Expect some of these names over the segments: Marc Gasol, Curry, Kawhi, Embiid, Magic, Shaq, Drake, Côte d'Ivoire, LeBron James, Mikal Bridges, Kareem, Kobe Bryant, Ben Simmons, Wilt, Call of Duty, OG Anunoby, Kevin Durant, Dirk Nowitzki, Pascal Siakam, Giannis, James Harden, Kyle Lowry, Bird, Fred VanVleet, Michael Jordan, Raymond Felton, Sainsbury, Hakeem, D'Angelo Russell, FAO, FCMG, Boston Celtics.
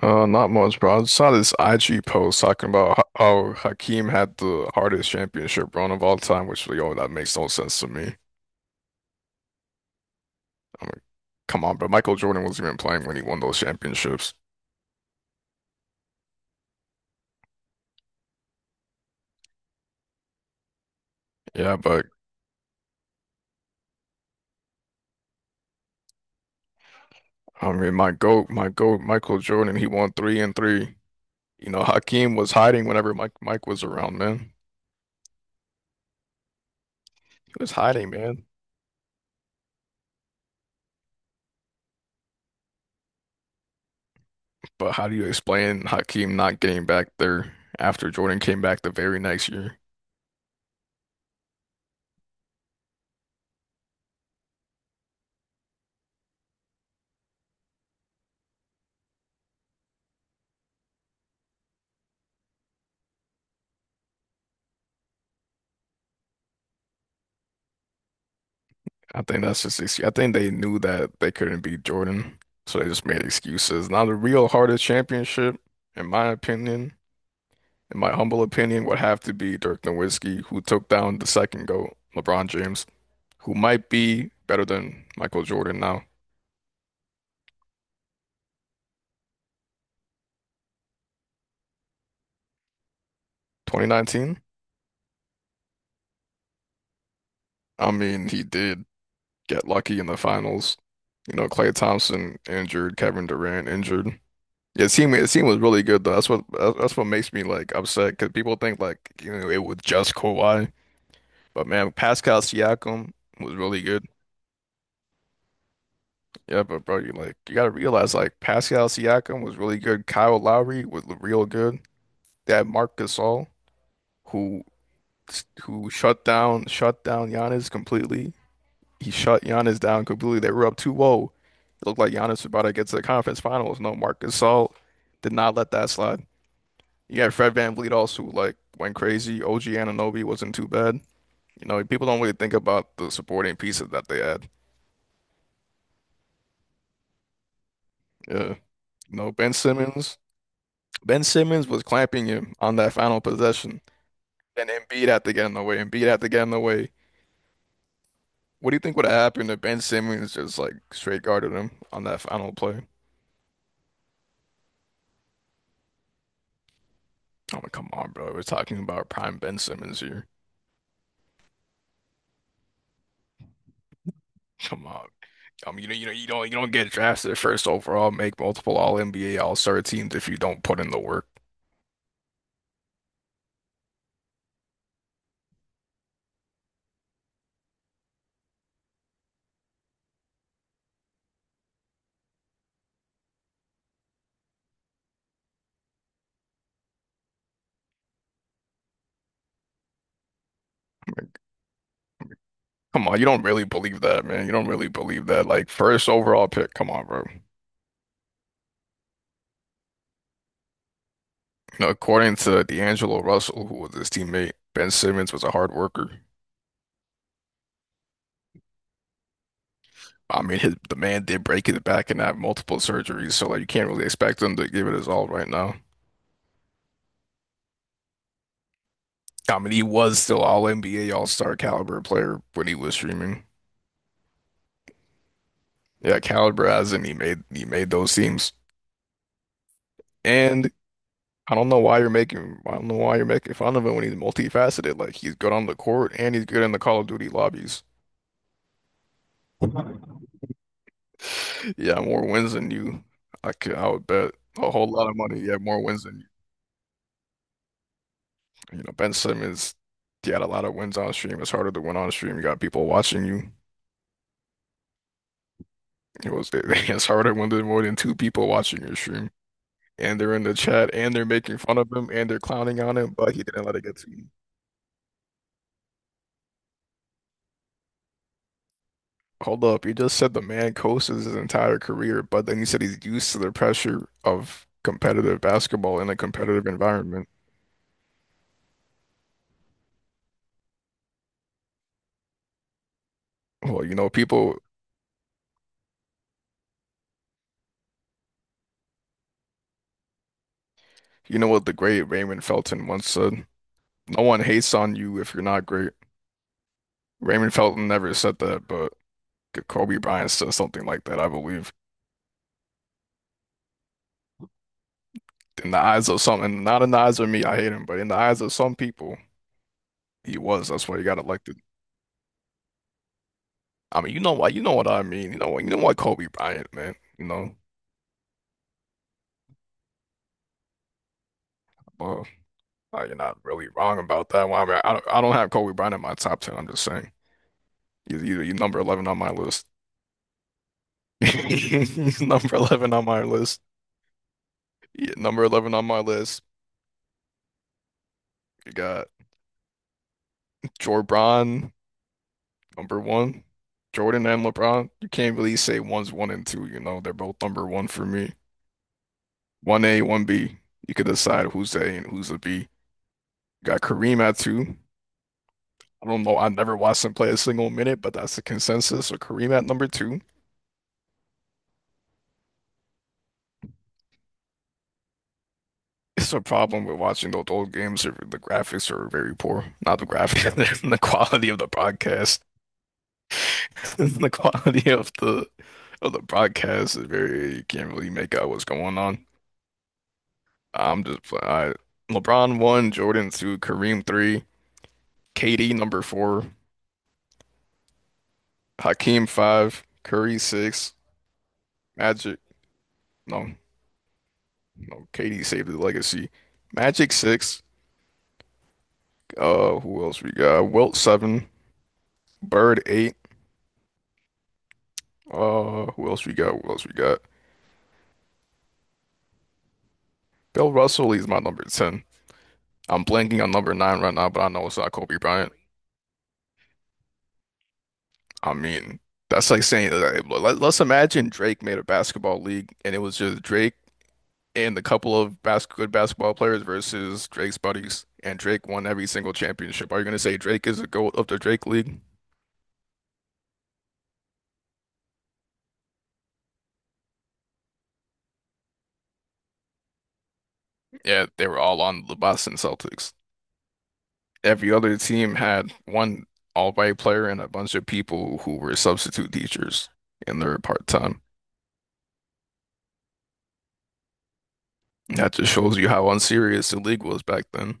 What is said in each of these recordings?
Not much, bro. I saw this IG post talking about how Hakeem had the hardest championship run of all time, which, yo, that makes no sense to me. I'm like, come on, but Michael Jordan wasn't even playing when he won those championships. Yeah, but I mean, my GOAT, Michael Jordan, he won three and three. You know, Hakeem was hiding whenever Mike was around, man. He was hiding, man. But how do you explain Hakeem not getting back there after Jordan came back the very next year? I think that's just excuse. I think they knew that they couldn't beat Jordan, so they just made excuses. Now the real hardest championship, in my opinion, in my humble opinion, would have to be Dirk Nowitzki, who took down the second GOAT, LeBron James, who might be better than Michael Jordan now. 2019? I mean, he did get lucky in the finals. You know, Klay Thompson injured, Kevin Durant injured. Yeah, the team was really good though. That's what makes me like upset because people think like it was just Kawhi. But man, Pascal Siakam was really good. Yeah, but bro, you like you gotta realize like Pascal Siakam was really good. Kyle Lowry was real good. They had Marc Gasol who who shut down Giannis completely. He shut Giannis down completely. They were up 2-0. It looked like Giannis was about to get to the conference finals. No, Marc Gasol did not let that slide. You got Fred VanVleet also who, like, went crazy. OG Anunoby wasn't too bad. You know, people don't really think about the supporting pieces that they had. Yeah. No, Ben Simmons. Ben Simmons was clamping him on that final possession, and Embiid had to get in the way. Embiid had to get in the way. What do you think would have happened if Ben Simmons just like straight guarded him on that final play? I'm like, come on, bro. We're talking about prime Ben Simmons here. Come on. I mean, you don't get drafted first overall, make multiple All NBA All Star teams if you don't put in the work. Like, come on, you don't really believe that, man. You don't really believe that. Like first overall pick. Come on, bro. Now, according to D'Angelo Russell, who was his teammate, Ben Simmons was a hard worker. I mean, the man did break his back and have multiple surgeries, so like you can't really expect him to give it his all right now. I mean, he was still all NBA All-Star caliber player when he was streaming. Yeah, caliber as in he made those teams. And I don't know why you're making fun of him when he's multifaceted. Like he's good on the court and he's good in the Call of Duty lobbies. Yeah, more wins than you. I would bet a whole lot of money. Yeah, more wins than you. You know, Ben Simmons, he had a lot of wins on stream. It's harder to win on stream. You got people watching you. It's harder when there's more than two people watching your stream, and they're in the chat, and they're making fun of him, and they're clowning on him. But he didn't let it get to you. Hold up, you just said the man coasts his entire career, but then you said he's used to the pressure of competitive basketball in a competitive environment. Well, you know what the great Raymond Felton once said? No one hates on you if you're not great. Raymond Felton never said that, but Kobe Bryant said something like that, I believe. In the eyes of some, and not in the eyes of me, I hate him, but in the eyes of some people, he was. That's why he got elected. I mean, you know why? You know what I mean. You know what? You know what Kobe Bryant, man. You know, well, you're not really wrong about that. Well, I mean, I don't have Kobe Bryant in my top ten. I'm just saying, he's number 11 on my list. He's number 11 on my list. Yeah, number 11 on my list. You got Jorbron. Number one, Jordan and LeBron. You can't really say one's one and two, you know. They're both number one for me. One A, one B. You could decide who's the A and who's the B. You got Kareem at two. I don't know. I never watched him play a single minute, but that's the consensus. So Kareem at number two. It's a problem with watching those old games. The graphics are very poor. Not the graphics, the quality of the broadcast. The quality of the broadcast is very, you can't really make out what's going on. I'm just pl- I, LeBron one, Jordan two, Kareem three, KD number four, Hakeem five, Curry six, Magic no no KD saved the legacy, Magic six. Who else we got? Wilt seven, Bird eight. Who else we got? Bill Russell is my number ten. I'm blanking on number nine right now, but I know it's not Kobe Bryant. I mean, that's like saying that. Let's imagine Drake made a basketball league and it was just Drake, and the couple of bas good basketball players versus Drake's buddies, and Drake won every single championship. Are you going to say Drake is the GOAT of the Drake League? Yeah, they were all on the Boston Celtics. Every other team had one all-white player and a bunch of people who were substitute teachers in their part-time. That just shows you how unserious the league was back then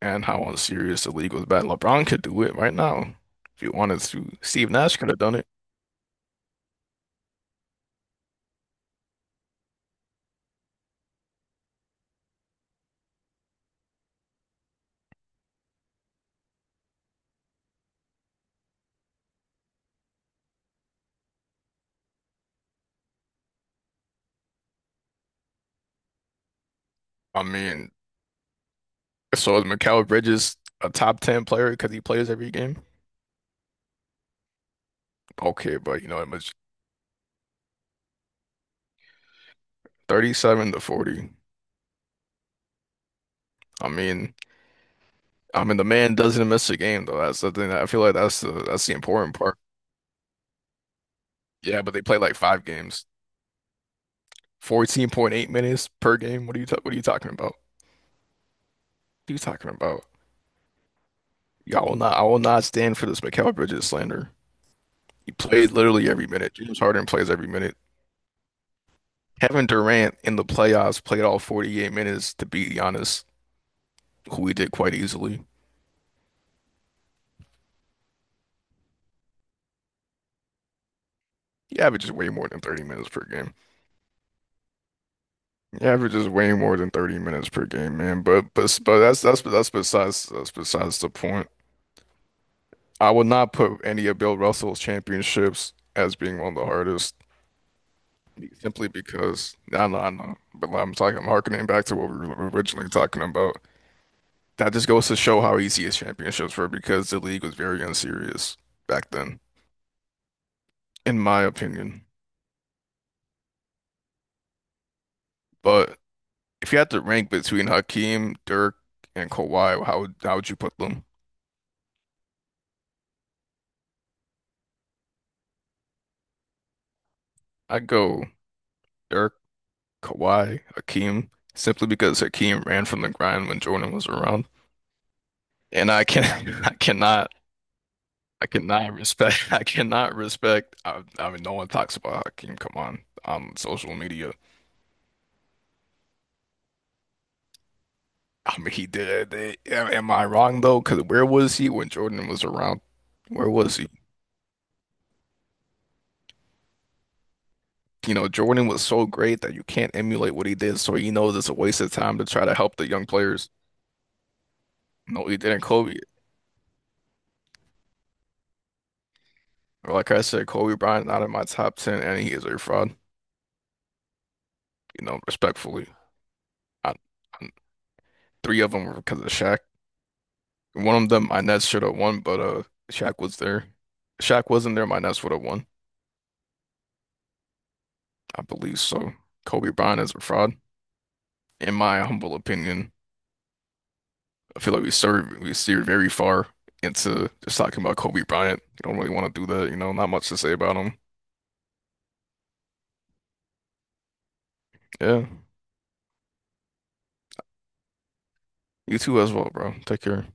and how unserious the league was back. LeBron could do it right now if he wanted to. Steve Nash could have done it. I mean, So is Mikal Bridges a top 10 player because he plays every game? Okay, but you know, it was 37 to 40. I mean, I mean the man doesn't miss a game though. That's the thing that I feel like that's the important part. Yeah, but they play like five games. 14.8 minutes per game. What are you talking about? What are you talking about? Yeah, I will not stand for this Mikal Bridges slander. He plays literally every minute. James Harden plays every minute. Kevin Durant in the playoffs played all 48 minutes to beat Giannis, who he did quite easily. He averages way more than 30 minutes per game. He averages way more than 30 minutes per game, man. But that's besides the point. I would not put any of Bill Russell's championships as being one of the hardest, simply because I know, but like, I'm harkening back to what we were originally talking about. That just goes to show how easy his championships were because the league was very unserious back then, in my opinion. But if you had to rank between Hakeem, Dirk, and Kawhi, how would you put them? I go Dirk, Kawhi, Hakeem, simply because Hakeem ran from the grind when Jordan was around, and I can I cannot I cannot respect I cannot respect I mean no one talks about Hakeem. Come on social media. I mean he did. Am I wrong though? Because where was he when Jordan was around? Where was he? You know, Jordan was so great that you can't emulate what he did. So he knows it's a waste of time to try to help the young players. No, he didn't. Kobe. Like I said, Kobe Bryant not in my top ten, and he is a fraud, you know, respectfully. I, I, three of them were because of Shaq. One of them, my Nets should have won, but Shaq was there. If Shaq wasn't there, my Nets would have won. I believe so. Kobe Bryant is a fraud, in my humble opinion. I feel like we steer very far into just talking about Kobe Bryant. You don't really want to do that, you know. Not much to say about him. Yeah, you too as well, bro. Take care.